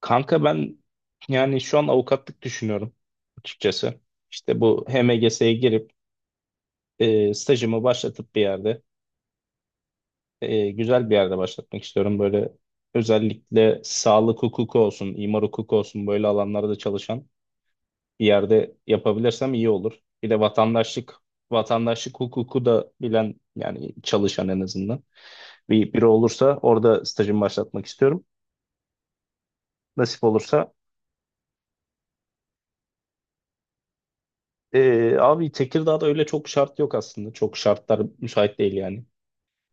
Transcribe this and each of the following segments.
Kanka ben yani şu an avukatlık düşünüyorum açıkçası. İşte bu HMGS'ye girip stajımı başlatıp bir yerde güzel bir yerde başlatmak istiyorum. Böyle özellikle sağlık hukuku olsun, imar hukuku olsun böyle alanlarda çalışan bir yerde yapabilirsem iyi olur. Bir de vatandaşlık hukuku da bilen yani çalışan en azından bir biri olursa orada stajımı başlatmak istiyorum. Nasip olursa. Abi Tekirdağ'da öyle çok şart yok aslında. Çok şartlar müsait değil yani.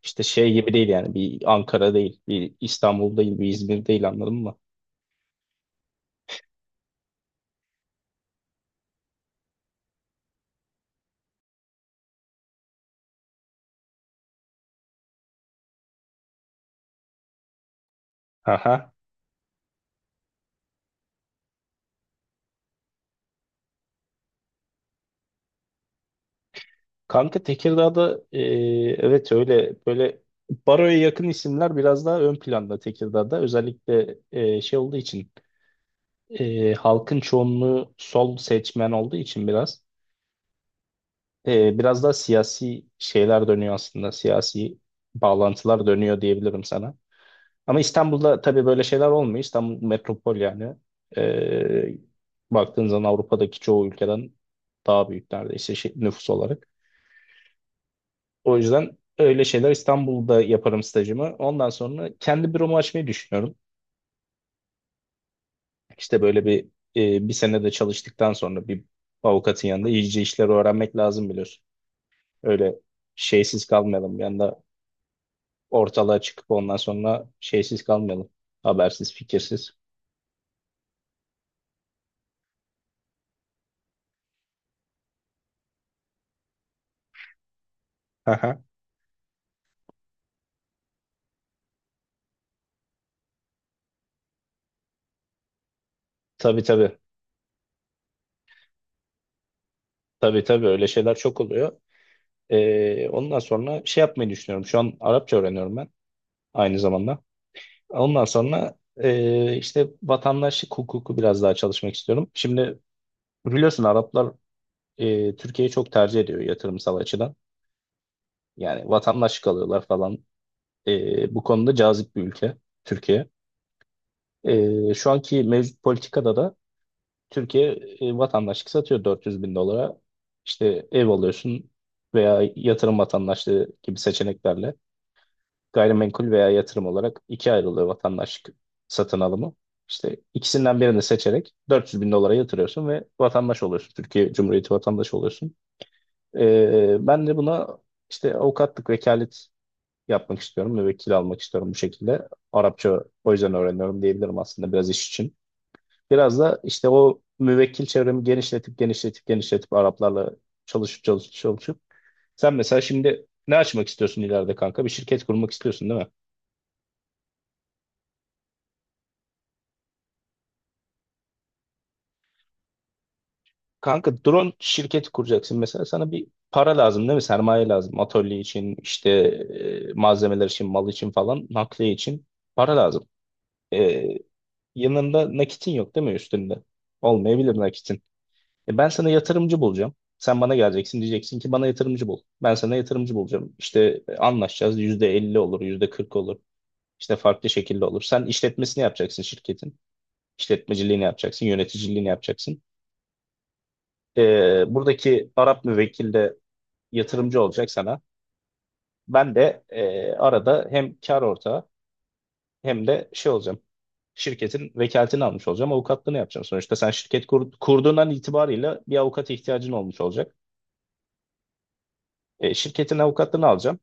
İşte şey gibi değil yani. Bir Ankara değil, bir İstanbul değil, bir İzmir değil, anladın mı? Aha. Kanka Tekirdağ'da, evet, öyle böyle baroya yakın isimler biraz daha ön planda Tekirdağ'da. Özellikle şey olduğu için, halkın çoğunluğu sol seçmen olduğu için biraz biraz daha siyasi şeyler dönüyor aslında. Siyasi bağlantılar dönüyor diyebilirim sana. Ama İstanbul'da tabii böyle şeyler olmuyor. İstanbul metropol yani. Ee, Baktığın zaman Avrupa'daki çoğu ülkeden daha büyük neredeyse, nüfus olarak. O yüzden öyle şeyler İstanbul'da yaparım stajımı. Ondan sonra kendi büromu açmayı düşünüyorum. İşte böyle bir bir sene de çalıştıktan sonra bir avukatın yanında iyice işleri öğrenmek lazım, biliyorsun. Öyle şeysiz kalmayalım. Bir anda ortalığa çıkıp ondan sonra şeysiz kalmayalım. Habersiz, fikirsiz. Aha. Tabii tabii. Tabii tabii, öyle şeyler çok oluyor. Ondan sonra şey yapmayı düşünüyorum. Şu an Arapça öğreniyorum ben aynı zamanda. Ondan sonra işte vatandaşlık hukuku biraz daha çalışmak istiyorum. Şimdi biliyorsun Araplar Türkiye'yi çok tercih ediyor yatırımsal açıdan. Yani vatandaşlık alıyorlar falan. Bu konuda cazip bir ülke Türkiye. Şu anki mevcut politikada da Türkiye vatandaşlık satıyor 400 bin dolara. İşte ev alıyorsun veya yatırım vatandaşlığı gibi seçeneklerle. Gayrimenkul veya yatırım olarak ikiye ayrılıyor vatandaşlık satın alımı. İşte ikisinden birini seçerek 400 bin dolara yatırıyorsun ve vatandaş oluyorsun. Türkiye Cumhuriyeti vatandaşı oluyorsun. Ben de buna işte avukatlık, vekalet yapmak istiyorum. Müvekkil almak istiyorum bu şekilde. Arapça o yüzden öğreniyorum diyebilirim aslında, biraz iş için. Biraz da işte o müvekkil çevremi genişletip genişletip genişletip Araplarla çalışıp çalışıp çalışıp. Sen mesela şimdi ne açmak istiyorsun ileride kanka? Bir şirket kurmak istiyorsun değil mi? Kanka drone şirketi kuracaksın, mesela sana bir para lazım değil mi? Sermaye lazım. Atölye için, işte malzemeler için, mal için falan, nakliye için para lazım. E, Yanında nakitin yok değil mi üstünde? Olmayabilir nakitin. Ben sana yatırımcı bulacağım. Sen bana geleceksin, diyeceksin ki bana yatırımcı bul. Ben sana yatırımcı bulacağım. İşte anlaşacağız. %50 olur, %40 olur. İşte farklı şekilde olur. Sen işletmesini yapacaksın şirketin. İşletmeciliğini yapacaksın, yöneticiliğini yapacaksın. Buradaki Arap müvekkil de yatırımcı olacak sana. Ben de arada hem kar ortağı hem de şey olacağım. Şirketin vekaletini almış olacağım. Avukatlığını yapacağım. Sonuçta sen şirket kurduğundan itibariyle bir avukata ihtiyacın olmuş olacak. Şirketin avukatlığını alacağım.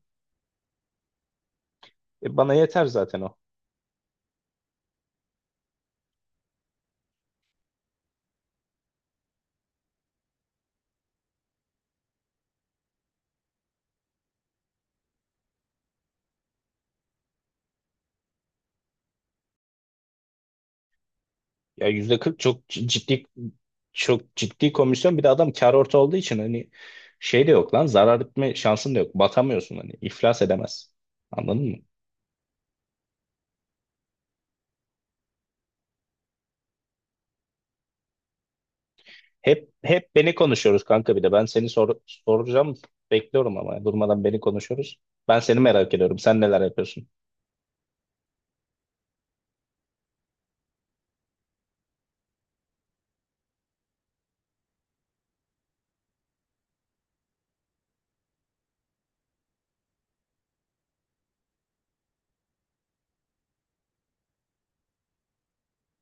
Bana yeter zaten o. Ya yüzde 40 çok ciddi, çok ciddi komisyon. Bir de adam kar orta olduğu için, hani şey de yok lan, zarar etme şansın da yok. Batamıyorsun, hani iflas edemez. Anladın mı? Hep beni konuşuyoruz kanka bir de. Ben seni soracağım. Bekliyorum ama durmadan beni konuşuyoruz. Ben seni merak ediyorum. Sen neler yapıyorsun?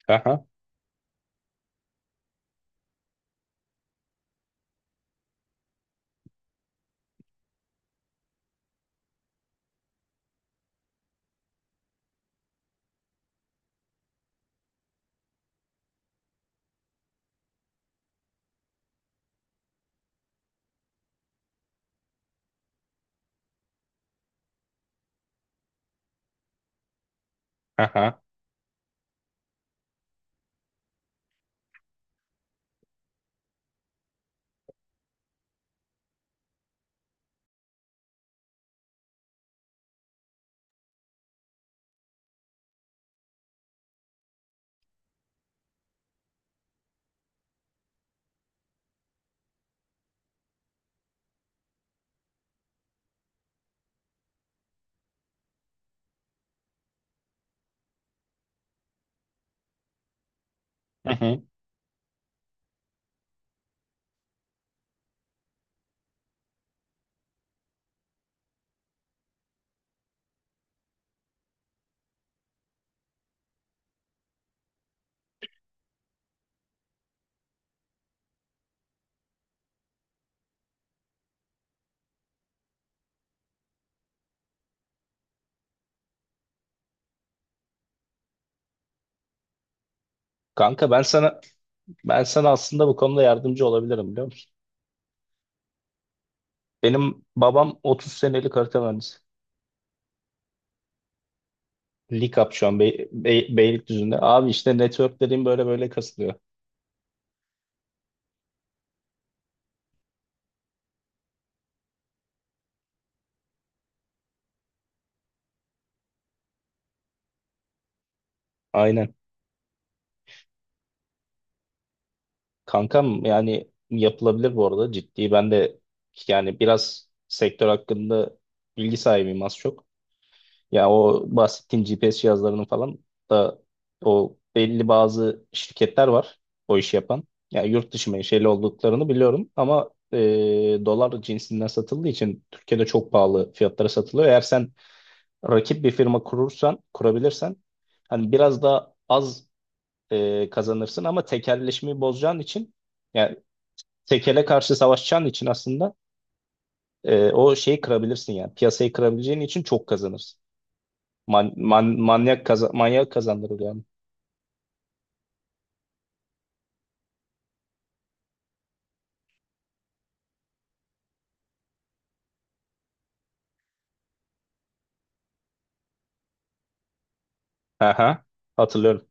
Aha, aha, aha. Kanka ben sana aslında bu konuda yardımcı olabilirim, biliyor musun? Benim babam 30 senelik harita mühendisi. Likap şu an Beylikdüzü'nde. Abi işte network dediğim böyle böyle kasılıyor. Aynen. Kankam yani yapılabilir bu arada, ciddi. Ben de yani biraz sektör hakkında bilgi sahibiyim az çok. Ya o bahsettiğim GPS cihazlarının falan da, o belli bazı şirketler var o işi yapan. Ya yurt dışı menşeli olduklarını biliyorum ama dolar cinsinden satıldığı için Türkiye'de çok pahalı fiyatlara satılıyor. Eğer sen rakip bir firma kurursan, kurabilirsen, hani biraz daha az kazanırsın ama tekelleşmeyi bozacağın için, yani tekele karşı savaşacağın için aslında o şeyi kırabilirsin, yani piyasayı kırabileceğin için çok kazanırsın. Manyak manyak kazandırır yani. Aha, hatırlıyorum.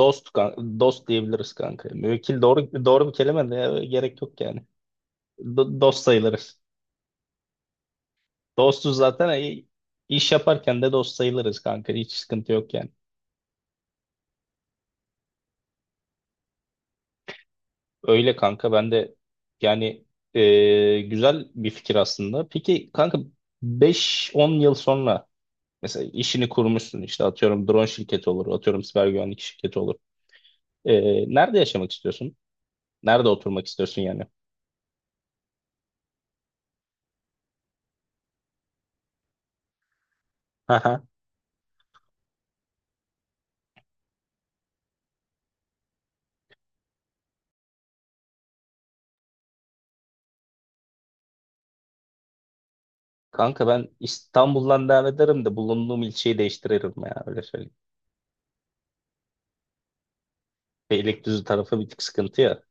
Dost, dost diyebiliriz kanka. Müvekkil doğru bir kelime de ya, gerek yok yani. Dost sayılırız. Dostuz zaten, iş yaparken de dost sayılırız kanka. Hiç sıkıntı yok yani. Öyle kanka, ben de yani güzel bir fikir aslında. Peki kanka, beş on yıl sonra mesela işini kurmuşsun, işte atıyorum drone şirketi olur, atıyorum siber güvenlik şirketi olur. Nerede yaşamak istiyorsun? Nerede oturmak istiyorsun yani? Aha. Kanka ben İstanbul'dan devam ederim de bulunduğum ilçeyi değiştiririm, ya öyle söyleyeyim. Beylikdüzü tarafı bir tık sıkıntı ya.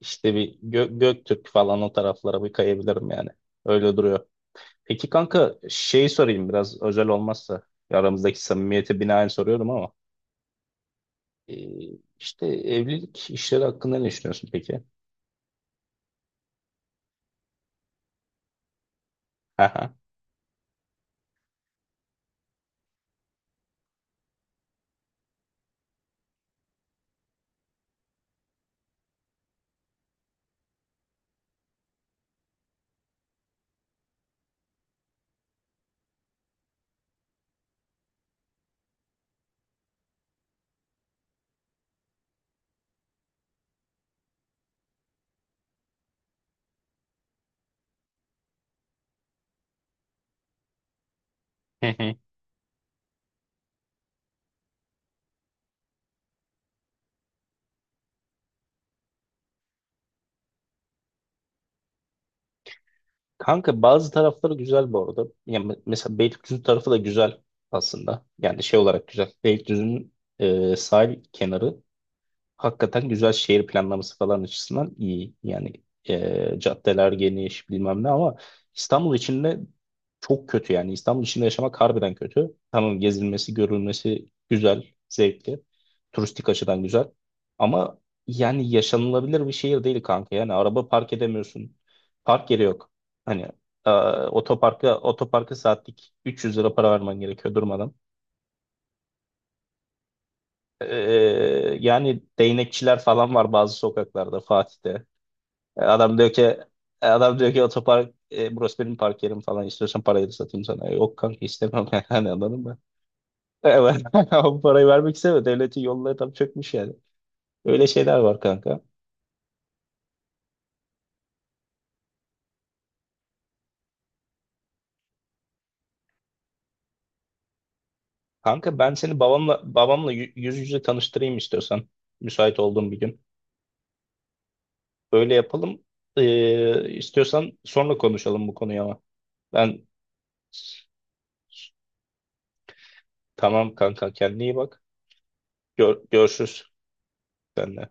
İşte bir Göktürk falan, o taraflara bir kayabilirim yani. Öyle duruyor. Peki kanka, şey sorayım biraz, özel olmazsa. Aramızdaki samimiyete binaen soruyorum ama. Ee, işte evlilik işleri hakkında ne düşünüyorsun peki? Aha. Kanka bazı tarafları güzel bu arada. Yani mesela Beylikdüzü tarafı da güzel aslında. Yani şey olarak güzel. Beylikdüzü'nün sahil kenarı hakikaten güzel, şehir planlaması falan açısından iyi. Yani caddeler geniş bilmem ne, ama İstanbul içinde çok kötü yani. İstanbul içinde yaşamak harbiden kötü. Tamam, gezilmesi, görülmesi güzel, zevkli. Turistik açıdan güzel. Ama yani yaşanılabilir bir şehir değil kanka. Yani araba park edemiyorsun. Park yeri yok. Hani e, otoparka saatlik 300 lira para vermen gerekiyor durmadan. Ee, Yani değnekçiler falan var bazı sokaklarda Fatih'te. Adam diyor ki, otopark, burası benim park yerim falan, istiyorsan parayı da satayım sana. Yok kanka, istemem, yani anladın mı? Evet. Bu parayı vermek istemiyor. Devletin yolları tam çökmüş yani. Öyle şeyler var kanka. Kanka ben seni babamla yüz yüze tanıştırayım istiyorsan. Müsait olduğum bir gün. Öyle yapalım. İstiyorsan sonra konuşalım bu konuyu ama. Ben. Tamam kanka, kendine iyi bak. Görüşürüz seninle.